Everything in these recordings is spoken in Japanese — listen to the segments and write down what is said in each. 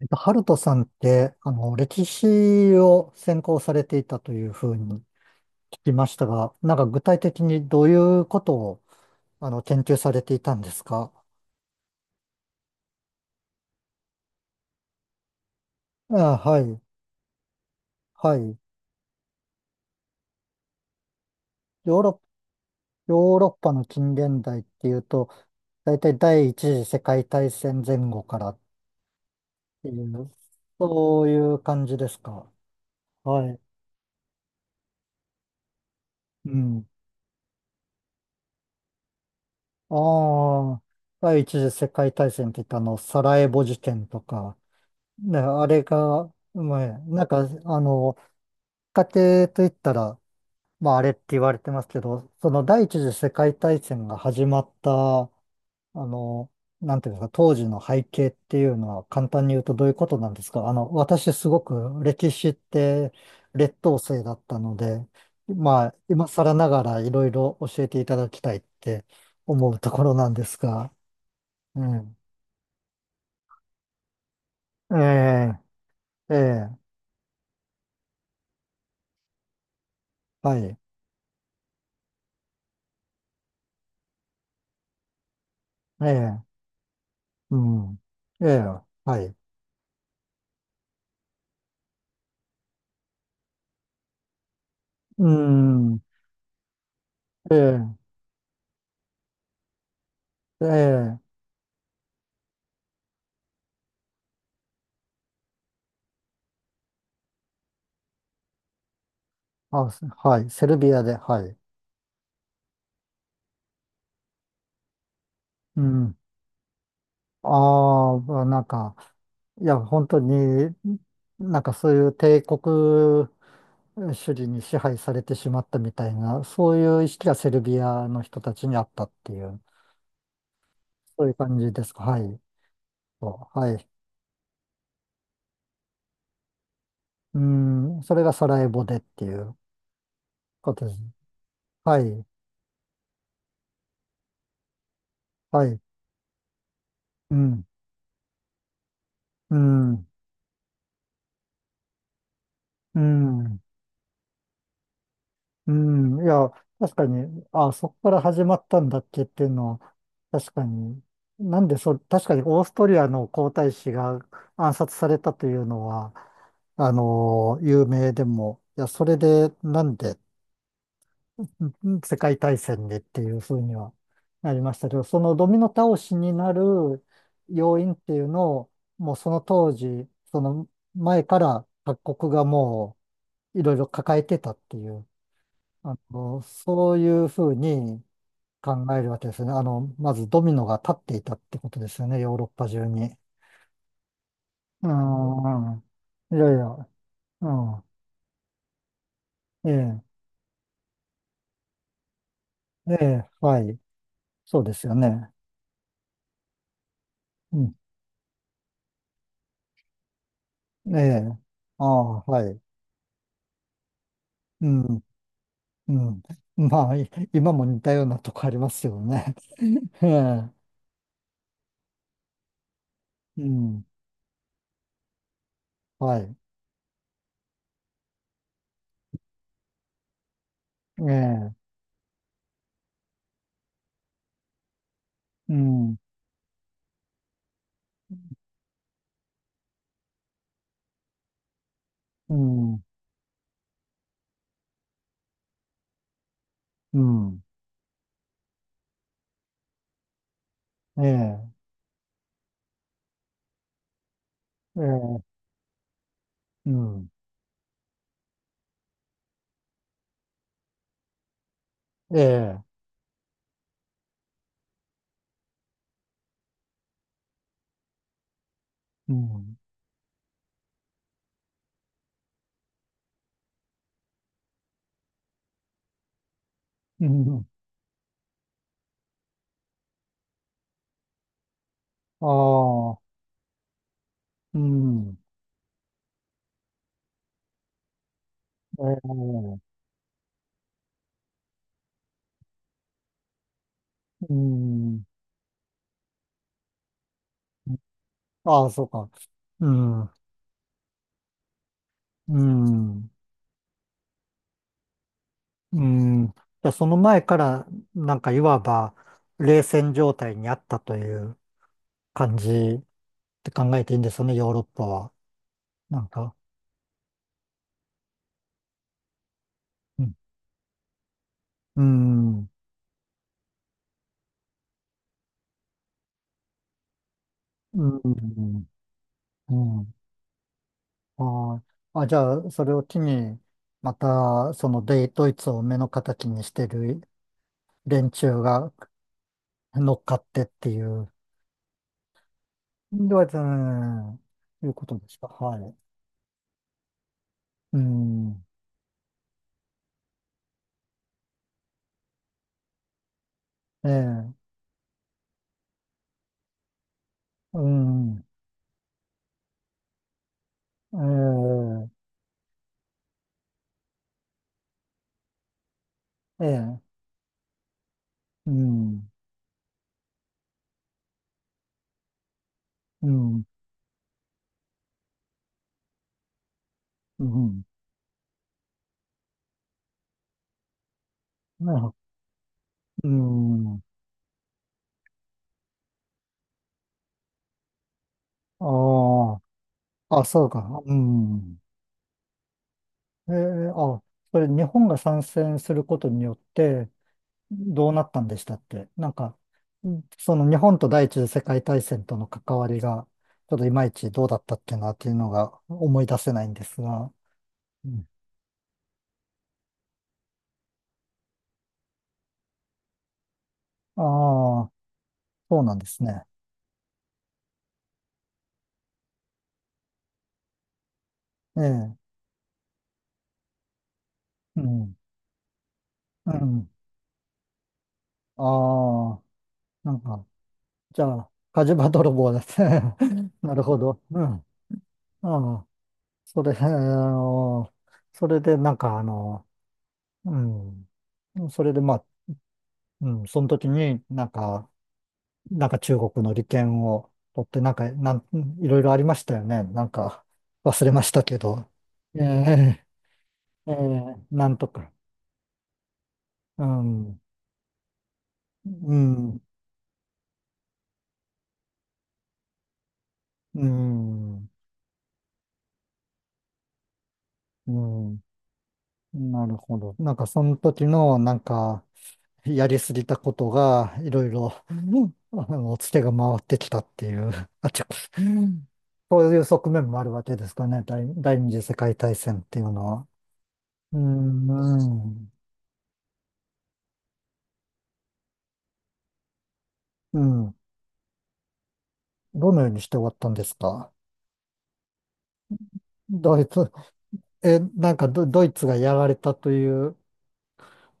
ハルトさんって、歴史を専攻されていたというふうに聞きましたが、なんか具体的にどういうことを、研究されていたんですか？あ、はい、はい。ヨーロッ、ヨーロッパの近現代っていうと、大体第一次世界大戦前後からっていう、そういう感じですか？はい。うん。ああ、第一次世界大戦って言ったサラエボ事件とか、ね、あれが、まあ、なんか、家庭といったら、まあ、あれって言われてますけど、その第一次世界大戦が始まった、あの、なんていうんですか、当時の背景っていうのは簡単に言うとどういうことなんですか？私すごく歴史って劣等生だったので、まあ、今更ながらいろいろ教えていただきたいって思うところなんですが、うん。ええ、ええ、はい。ええ、うん。ええ、はい。うん。ええ、ええ、あ、はい。セルビアで、はい。うん。ああ、なんか、いや、本当に、なんかそういう帝国主義に支配されてしまったみたいな、そういう意識がセルビアの人たちにあったっていう、そういう感じですか。はい。そう、はい。うん。それがサラエボでっていうことです。はい。はい。うん。うん。うん。うん、いや、確かに、あ、そこから始まったんだっけっていうのは、確かに、なんでそ、確かにオーストリアの皇太子が暗殺されたというのは、有名でも、いや、それでなんで世界大戦でっていうふうにはなりましたけど、そのドミノ倒しになる要因っていうのを、もうその当時、その前から各国がもういろいろ抱えてたっていう。そういうふうに考えるわけですね。まずドミノが立っていたってことですよね、ヨーロッパ中に。うん、うん、いやいや、うん、ええ、ええ、はい、そうですよね。うん、ええ、ああ、はい、うん、うん。まあ、今も似たようなとこありますよね。ええ、うん、はい、ええ、うん、うん、うん、ええ、ええ、うん、ええ、うん。うん、ああ、うん。ええ、うん。ああ、そうか。うん、うん、うん。じゃあその前から、なんかいわば、冷戦状態にあったという感じって考えていいんですよね、ヨーロッパは。なんか、うん、うん、うん、うん。ああ、じゃあ、それを機に、また、ドイツを目の敵にしてる連中が乗っかってっていう、ドイツ、うん、いうことですか？はい。うん。ええ。うん。ええ。ええ。うん。うん。うん。なうん。ああ。あ、そうか。うん。ええ、あ、それ日本が参戦することによってどうなったんでしたって。なんか、うん、その日本と第一次世界大戦との関わりが、ちょっといまいちどうだったっけなっていうのが思い出せないんですが。うん、ああ。そうなんですね。ええ、うん、うん。ああ、なんか、じゃあ、火事場泥棒ですね。なるほど。うん。ああ、それ、それで、なんか、うん。それで、まあ、うん、その時になんか、なんか中国の利権を取って、なんか、いろいろありましたよね。なんか、忘れましたけど。ええ、ええ、なんとか。うん、うん、うん、うん。なるほど。なんかその時のなんかやりすぎたことがいろいろ、うん、 あのツケが回ってきたっていう、あちこち、うん、そういう側面もあるわけですかね。第二次世界大戦っていうのは。うん、うん、うん。どのようにして終わったんですか？ドイツ、え、なんかドイツがやられたという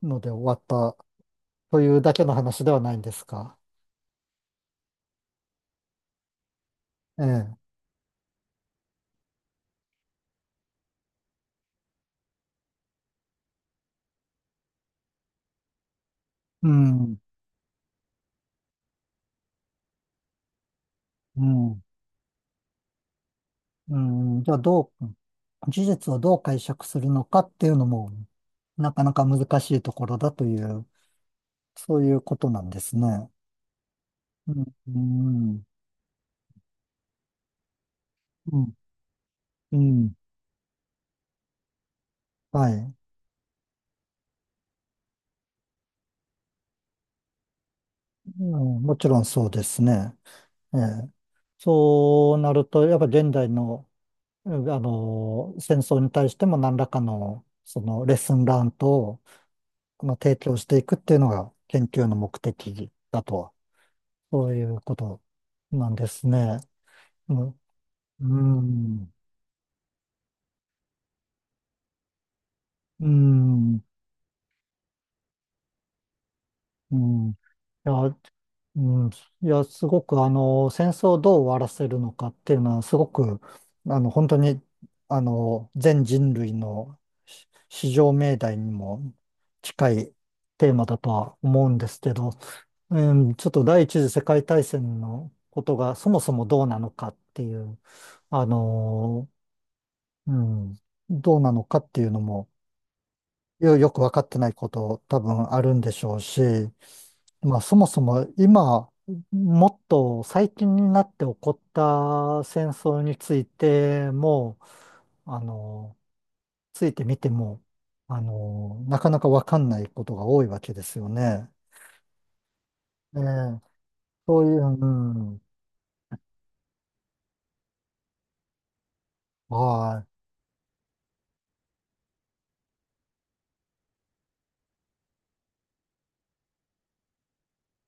ので終わったというだけの話ではないんですか？ええ。うん、うん。うん、じゃあどう、事実をどう解釈するのかっていうのも、なかなか難しいところだという、そういうことなんですね。うん、うん、うん、うん、はい、うん。もちろんそうですね。ええ、そうなると、やっぱ現代の、戦争に対しても何らかの、そのレッスンラントをこの提供していくっていうのが研究の目的だとは、そういうことなんですね。うん、うん、うん、うん。いや、うん、いや、すごく、戦争をどう終わらせるのかっていうのは、すごく、本当に、全人類の至上命題にも近いテーマだとは思うんですけど、うん、ちょっと第一次世界大戦のことがそもそもどうなのかっていう、あの、うん、どうなのかっていうのも、よくわかってないこと多分あるんでしょうし、まあそもそも今、もっと最近になって起こった戦争についても、あの、ついてみても、なかなかわかんないことが多いわけですよね。ええ、そういう、うん、はい。